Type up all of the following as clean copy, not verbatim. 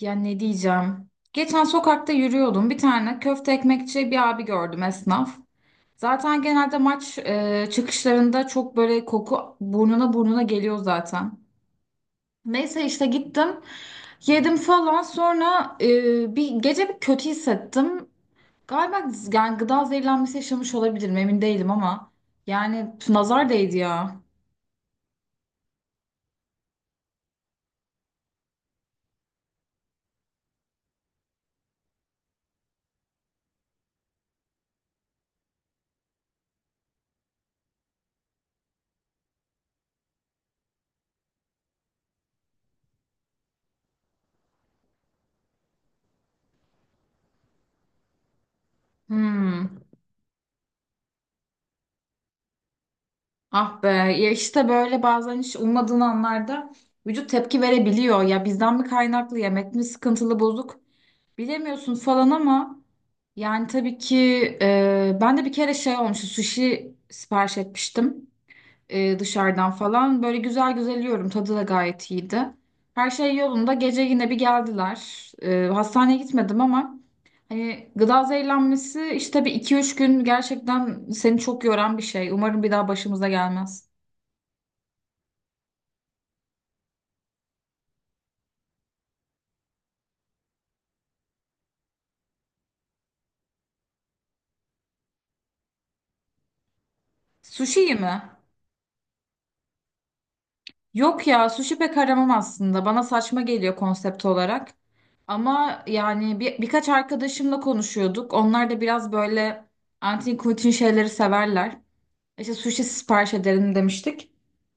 Ya ne diyeceğim? Geçen sokakta yürüyordum. Bir tane köfte ekmekçi bir abi gördüm esnaf. Zaten genelde maç çıkışlarında çok böyle koku burnuna geliyor zaten. Neyse işte gittim. Yedim falan. Sonra bir gece bir kötü hissettim. Galiba yani gıda zehirlenmesi yaşamış olabilirim emin değilim ama. Yani nazar değdi ya. Hmm. Ah be ya işte böyle bazen hiç ummadığın anlarda vücut tepki verebiliyor. Ya bizden mi kaynaklı yemek mi sıkıntılı bozuk bilemiyorsun falan ama yani tabii ki ben de bir kere şey olmuştu sushi sipariş etmiştim dışarıdan falan. Böyle güzel güzel yiyorum tadı da gayet iyiydi. Her şey yolunda gece yine bir geldiler. Hastaneye gitmedim ama hani gıda zehirlenmesi işte bir iki üç gün gerçekten seni çok yoran bir şey. Umarım bir daha başımıza gelmez. Sushi'yi mi? Yok ya sushi pek aramam aslında. Bana saçma geliyor konsept olarak. Ama yani birkaç arkadaşımla konuşuyorduk. Onlar da biraz böyle antin kuntin şeyleri severler. İşte sushi sipariş edelim demiştik.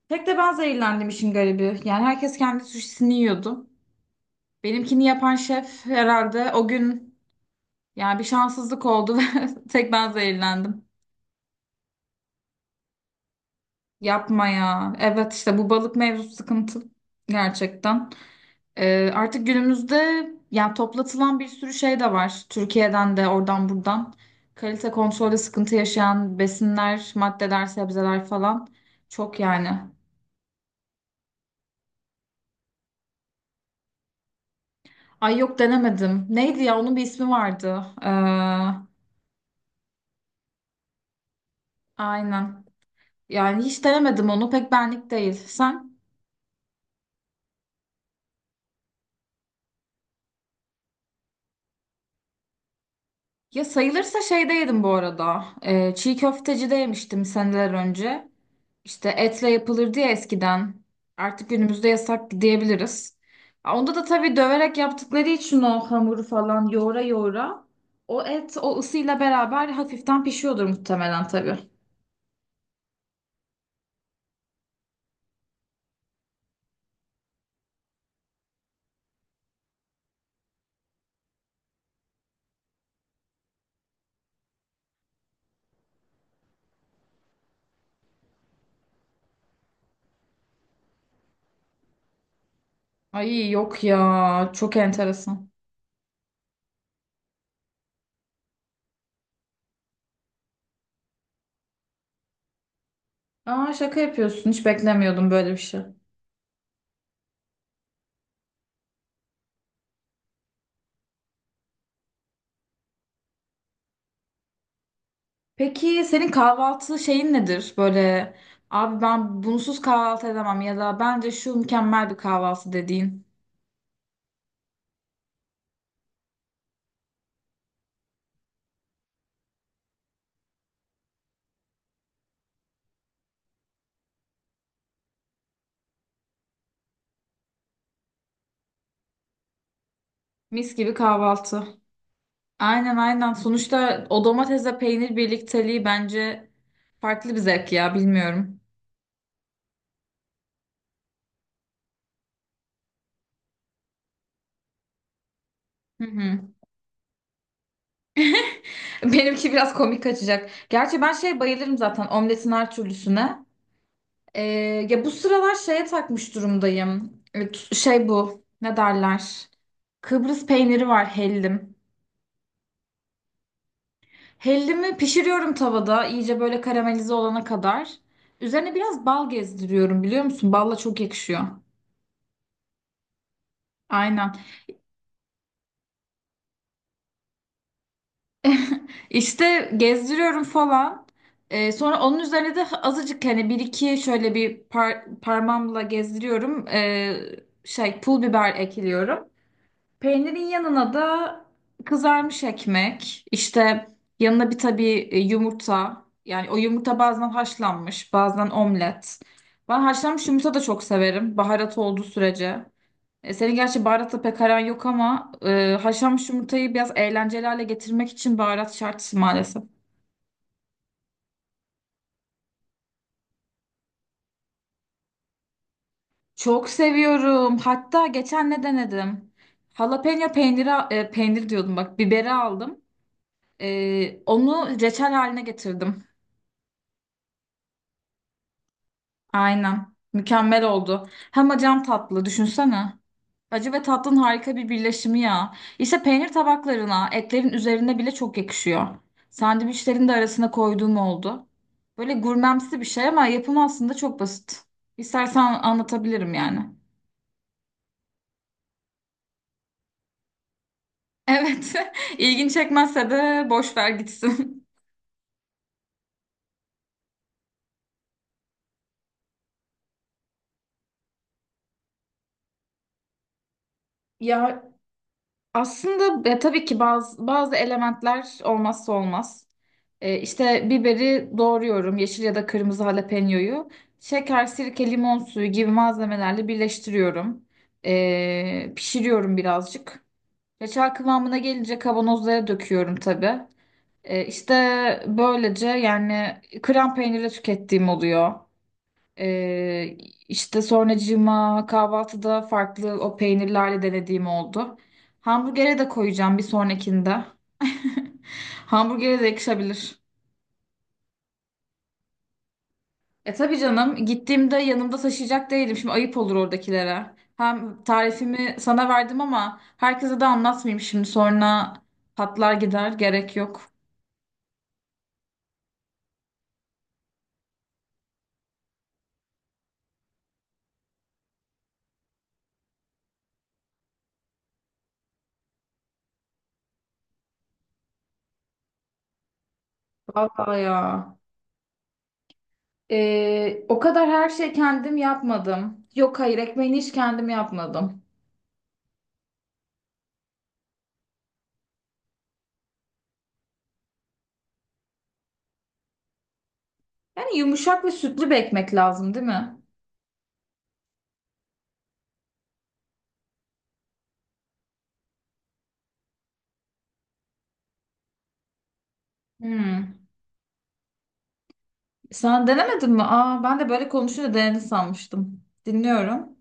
Tek de ben zehirlendim işin garibi. Yani herkes kendi sushisini yiyordu. Benimkini yapan şef herhalde o gün yani bir şanssızlık oldu ve tek ben zehirlendim. Yapma ya. Evet işte bu balık mevzusu sıkıntı gerçekten. Artık günümüzde yani toplatılan bir sürü şey de var. Türkiye'den de oradan buradan. Kalite kontrolde sıkıntı yaşayan besinler, maddeler, sebzeler falan çok yani. Ay yok denemedim. Neydi ya onun bir ismi vardı. Aynen. Yani hiç denemedim onu pek benlik değil. Sen? Ya sayılırsa şeyde yedim bu arada. Çiğ köftecide yemiştim seneler önce. İşte etle yapılırdı ya eskiden. Artık günümüzde yasak diyebiliriz. Onda da tabii döverek yaptıkları için o hamuru falan yoğura yoğura. O et o ısıyla beraber hafiften pişiyordur muhtemelen tabii. Ay yok ya çok enteresan. Aa şaka yapıyorsun hiç beklemiyordum böyle bir şey. Peki senin kahvaltı şeyin nedir? Böyle abi ben bunsuz kahvaltı edemem ya da bence şu mükemmel bir kahvaltı dediğin. Mis gibi kahvaltı. Aynen aynen. Sonuçta o domatesle peynir birlikteliği bence farklı bir zevk ya bilmiyorum. Hı hı. Benimki biraz komik kaçacak. Gerçi ben şey bayılırım zaten omletin her türlüsüne. Ee, Ya bu sıralar şeye takmış durumdayım. Evet, şey bu ne derler? Kıbrıs peyniri var hellim. Hellimi pişiriyorum tavada iyice böyle karamelize olana kadar. Üzerine biraz bal gezdiriyorum biliyor musun? Balla çok yakışıyor. Aynen. İşte gezdiriyorum falan. Sonra onun üzerine de azıcık hani bir iki şöyle bir parmağımla gezdiriyorum. Şey pul biber ekliyorum. Peynirin yanına da kızarmış ekmek, işte yanına bir tabii yumurta. Yani o yumurta bazen haşlanmış, bazen omlet. Ben haşlanmış yumurta da çok severim, baharat olduğu sürece. E, senin gerçi baharatla pek aran yok ama haşlanmış yumurtayı biraz eğlenceli hale getirmek için baharat şart maalesef. Çok seviyorum. Hatta geçen ne denedim? Jalapeno peyniri, biberi aldım. Onu reçel haline getirdim. Aynen. Mükemmel oldu. Hem acam tatlı düşünsene. Acı ve tatlının harika bir birleşimi ya. İşte peynir tabaklarına, etlerin üzerine bile çok yakışıyor. Sandviçlerin de arasına koyduğum oldu. Böyle gurmemsi bir şey ama yapımı aslında çok basit. İstersen anlatabilirim yani. Evet. ilgin çekmezse de boş ver gitsin. Ya aslında tabii ki bazı elementler olmazsa olmaz. İşte biberi doğruyorum, yeşil ya da kırmızı jalapeño'yu. Şeker, sirke, limon suyu gibi malzemelerle birleştiriyorum. Pişiriyorum birazcık. Reçel kıvamına gelince kavanozlara döküyorum tabii. İşte böylece yani krem peynirle tükettiğim oluyor. Ee, işte sonracığıma kahvaltıda farklı o peynirlerle denediğim oldu. Hamburgere de koyacağım bir sonrakinde. Hamburgere de yakışabilir. E tabii canım gittiğimde yanımda taşıyacak değilim. Şimdi ayıp olur oradakilere. Hem tarifimi sana verdim ama herkese de anlatmayayım şimdi sonra patlar gider gerek yok. Vallahi ya. O kadar her şey kendim yapmadım. Yok hayır ekmeğini hiç kendim yapmadım. Yani yumuşak ve sütlü bir ekmek lazım, değil mi? Hmm. Sen denemedin mi? Aa, ben de böyle konuşunca denedin sanmıştım. Dinliyorum.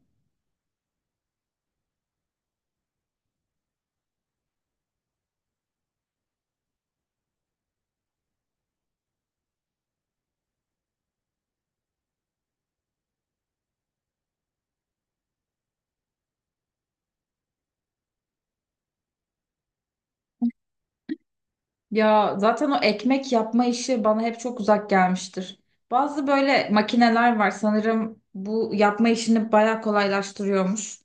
Ya zaten o ekmek yapma işi bana hep çok uzak gelmiştir. Bazı böyle makineler var sanırım bu yapma işini bayağı kolaylaştırıyormuş.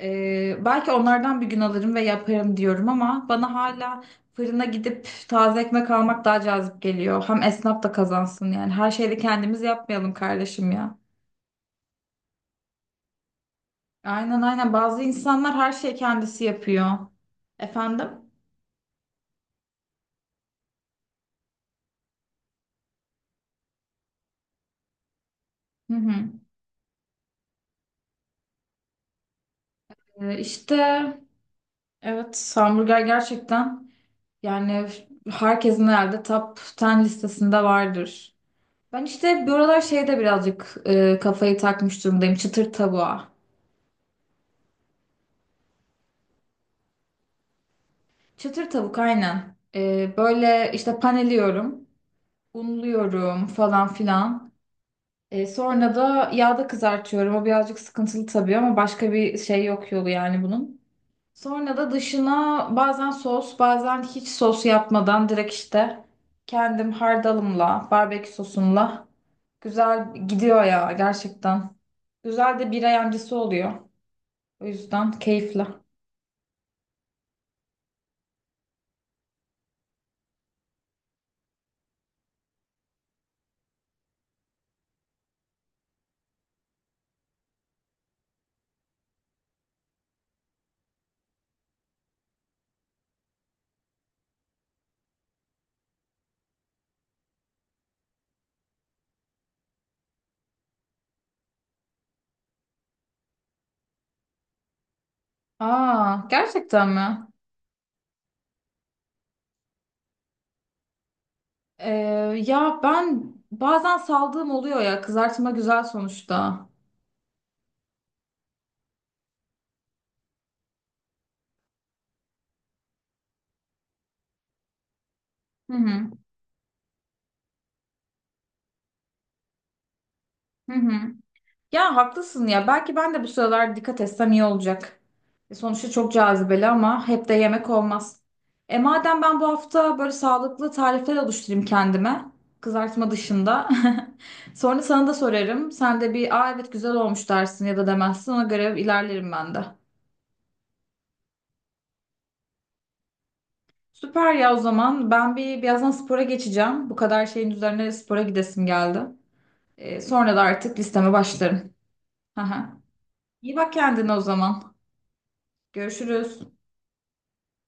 Belki onlardan bir gün alırım ve yaparım diyorum ama bana hala fırına gidip taze ekmek almak daha cazip geliyor. Hem esnaf da kazansın yani. Her şeyi de kendimiz yapmayalım kardeşim ya. Aynen aynen bazı insanlar her şeyi kendisi yapıyor. Efendim? Hı hı. İşte evet hamburger gerçekten yani herkesin herhalde top 10 listesinde vardır. Ben işte bu aralar şeyde birazcık kafayı takmış durumdayım çıtır tavuğa. Çıtır tavuk aynen. Böyle işte paneliyorum, unluyorum falan filan. Sonra da yağda kızartıyorum. O birazcık sıkıntılı tabii ama başka bir şey yok yolu yani bunun. Sonra da dışına bazen sos, bazen hiç sos yapmadan direkt işte kendim hardalımla, barbekü sosumla güzel gidiyor ya gerçekten. Güzel de bira yancısı oluyor. O yüzden keyifli. Aa, gerçekten mi? Ee, ya ben bazen saldığım oluyor ya kızartma güzel sonuçta. Hı hı. Hı hı. Ya haklısın ya. Belki ben de bu sıralar dikkat etsem iyi olacak. E, sonuçta çok cazibeli ama hep de yemek olmaz. E madem ben bu hafta böyle sağlıklı tarifler oluşturayım kendime. Kızartma dışında. Sonra sana da sorarım. Sen de bir aa evet güzel olmuş dersin ya da demezsin. Ona göre ilerlerim ben de. Süper ya o zaman. Ben birazdan spora geçeceğim. Bu kadar şeyin üzerine spora gidesim geldi. Sonra da artık listeme başlarım. Hı hı. İyi bak kendine o zaman. Görüşürüz.